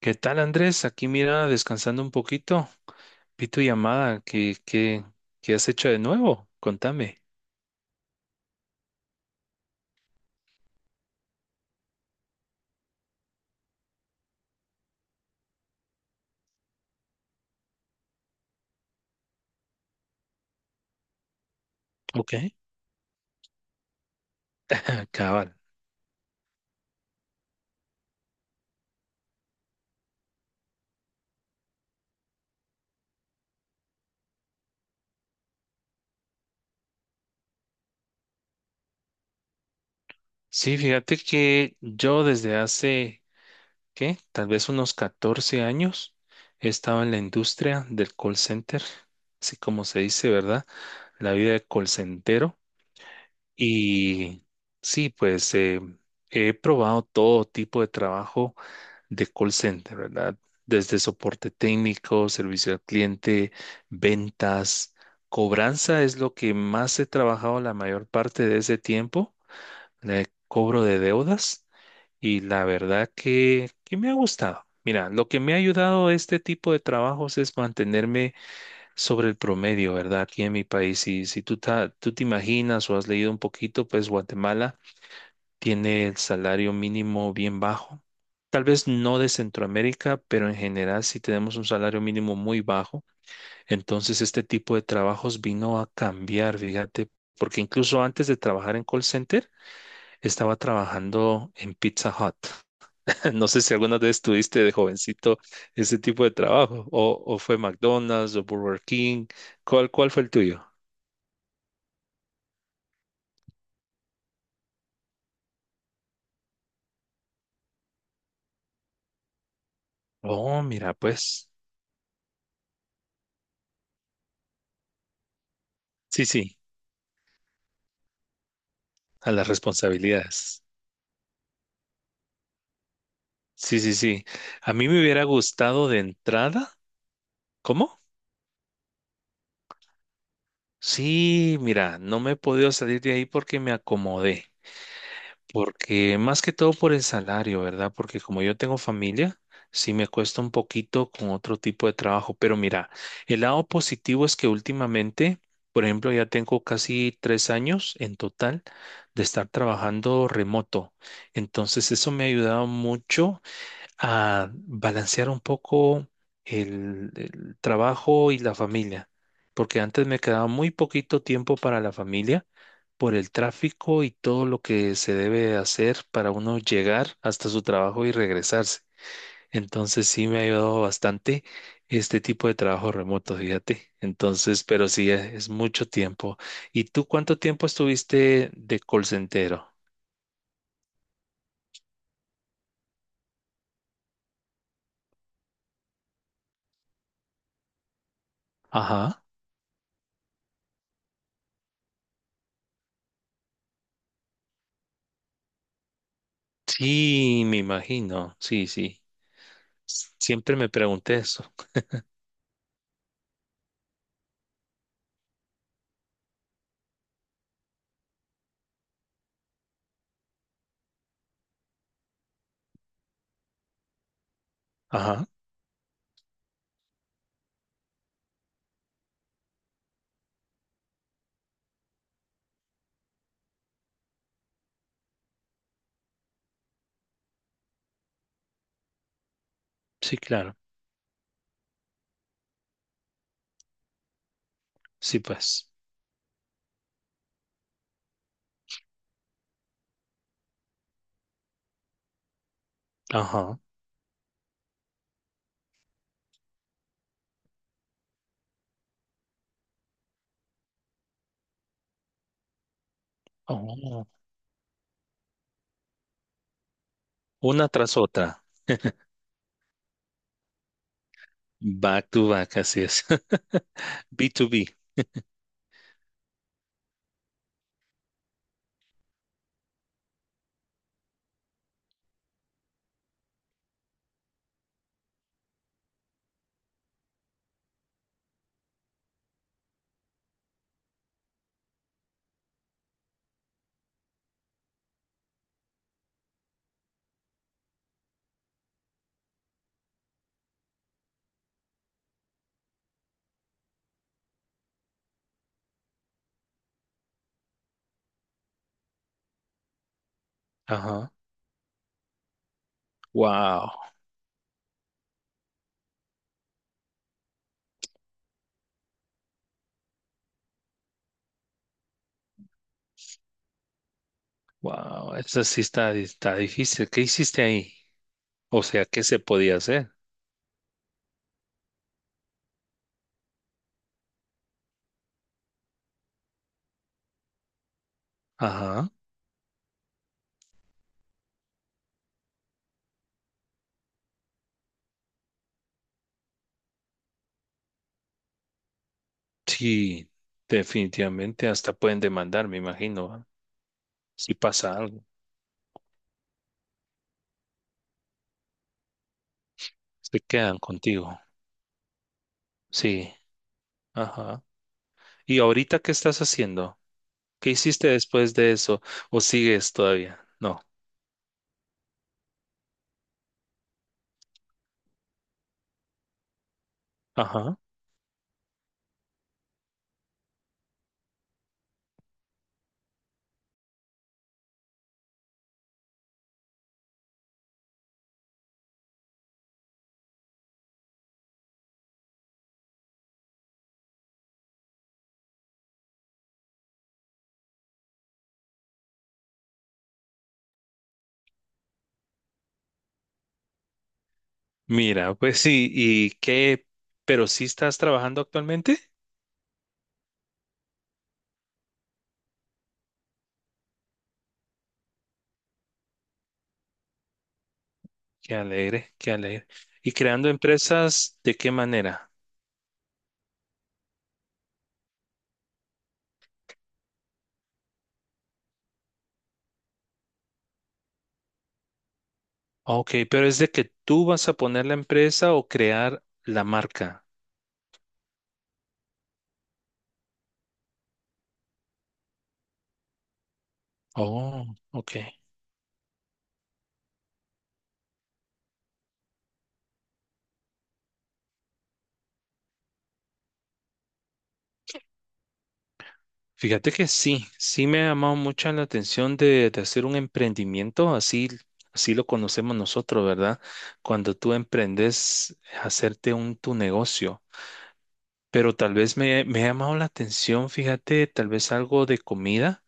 ¿Qué tal, Andrés? Aquí mira, descansando un poquito. Vi tu llamada. ¿Qué has hecho de nuevo? Contame. Ok. Ah, cabal. Sí, fíjate que yo desde hace, ¿qué? Tal vez unos 14 años he estado en la industria del call center, así como se dice, ¿verdad? La vida de call center. Y sí, pues he probado todo tipo de trabajo de call center, ¿verdad? Desde soporte técnico, servicio al cliente, ventas, cobranza es lo que más he trabajado la mayor parte de ese tiempo, el cobro de deudas y la verdad que me ha gustado. Mira, lo que me ha ayudado este tipo de trabajos es mantenerme sobre el promedio, ¿verdad? Aquí en mi país, y si tú te imaginas o has leído un poquito, pues Guatemala tiene el salario mínimo bien bajo. Tal vez no de Centroamérica, pero en general sí tenemos un salario mínimo muy bajo. Entonces este tipo de trabajos vino a cambiar, fíjate, porque incluso antes de trabajar en call center, estaba trabajando en Pizza Hut. No sé si alguna vez tuviste de jovencito ese tipo de trabajo, o fue McDonald's o Burger King. ¿Cuál fue el tuyo? Oh, mira, pues, sí, sí, a las responsabilidades. Sí, sí, sí. A mí me hubiera gustado de entrada. ¿Cómo? Sí, mira, no me he podido salir de ahí porque me acomodé. Porque más que todo por el salario, ¿verdad? Porque como yo tengo familia, sí me cuesta un poquito con otro tipo de trabajo. Pero mira, el lado positivo es que últimamente, por ejemplo, ya tengo casi 3 años en total de estar trabajando remoto. Entonces, eso me ha ayudado mucho a balancear un poco el trabajo y la familia, porque antes me quedaba muy poquito tiempo para la familia por el tráfico y todo lo que se debe hacer para uno llegar hasta su trabajo y regresarse. Entonces sí me ha ayudado bastante este tipo de trabajo remoto, fíjate. Entonces, pero sí es mucho tiempo. ¿Y tú cuánto tiempo estuviste de call center? Ajá. Sí, me imagino. Sí, sí. Siempre me pregunté eso. Ajá, sí, claro. Sí, pues. Ajá. Oh, una tras otra. Back to back, así es. B to B. Ajá. Wow, wow. Eso sí está, está difícil. ¿Qué hiciste ahí? O sea, ¿qué se podía hacer? Ajá. Sí, definitivamente. Hasta pueden demandar, me imagino. ¿Va? Si pasa algo, se quedan contigo. Sí. Ajá. ¿Y ahorita qué estás haciendo? ¿Qué hiciste después de eso? ¿O sigues todavía? No. Ajá. Mira, pues sí, ¿y qué? ¿Pero sí estás trabajando actualmente? Qué alegre, qué alegre. ¿Y creando empresas de qué manera? Ok, pero es de que tú vas a poner la empresa o crear la marca. Oh, ok. Fíjate que sí, sí me ha llamado mucho la atención de hacer un emprendimiento, así, así lo conocemos nosotros, ¿verdad? Cuando tú emprendes, hacerte un tu negocio. Pero tal vez me ha llamado la atención, fíjate, tal vez algo de comida,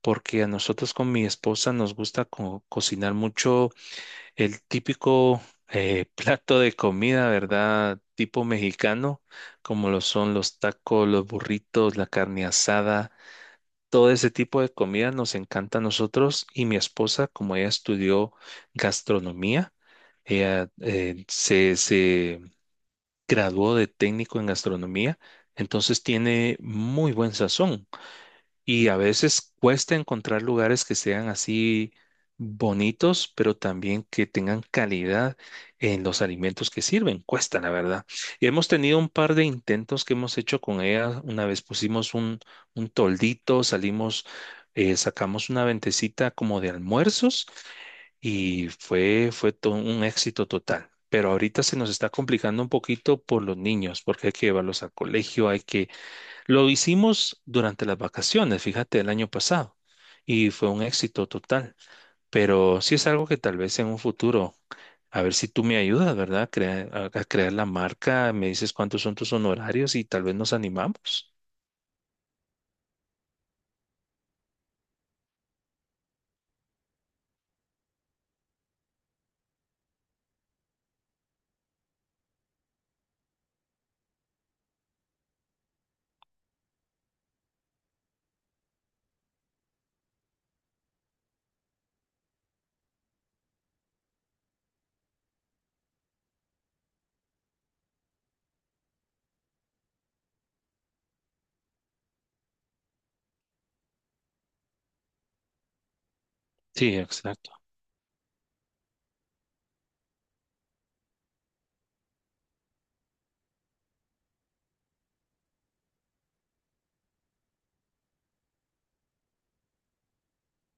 porque a nosotros con mi esposa nos gusta cocinar mucho el típico plato de comida, ¿verdad? Tipo mexicano, como lo son los tacos, los burritos, la carne asada, todo ese tipo de comida nos encanta a nosotros y mi esposa, como ella estudió gastronomía, ella graduó de técnico en gastronomía, entonces tiene muy buen sazón y a veces cuesta encontrar lugares que sean así bonitos, pero también que tengan calidad en los alimentos que sirven. Cuesta, la verdad. Y hemos tenido un par de intentos que hemos hecho con ella. Una vez pusimos un toldito, salimos, sacamos una ventecita como de almuerzos y fue todo un éxito total. Pero ahorita se nos está complicando un poquito por los niños, porque hay que llevarlos al colegio, hay que... Lo hicimos durante las vacaciones, fíjate, el año pasado, y fue un éxito total. Pero sí es algo que tal vez en un futuro, a ver si tú me ayudas, ¿verdad? A crear la marca, me dices cuántos son tus honorarios y tal vez nos animamos. Sí, exacto.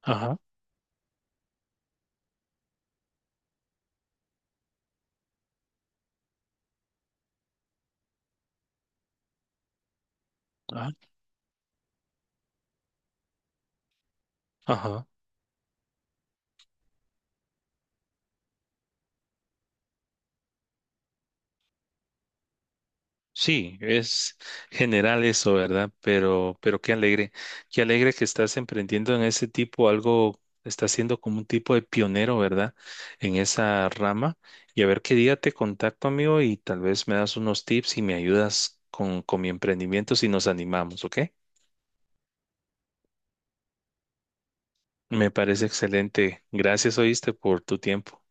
Ajá, ajá, ajá. Sí, es general eso, ¿verdad? Pero qué alegre que estás emprendiendo en ese tipo algo, estás siendo como un tipo de pionero, ¿verdad? En esa rama. Y a ver qué día te contacto, amigo, y tal vez me das unos tips y me ayudas con mi emprendimiento si nos animamos, ¿ok? Me parece excelente. Gracias, oíste, por tu tiempo.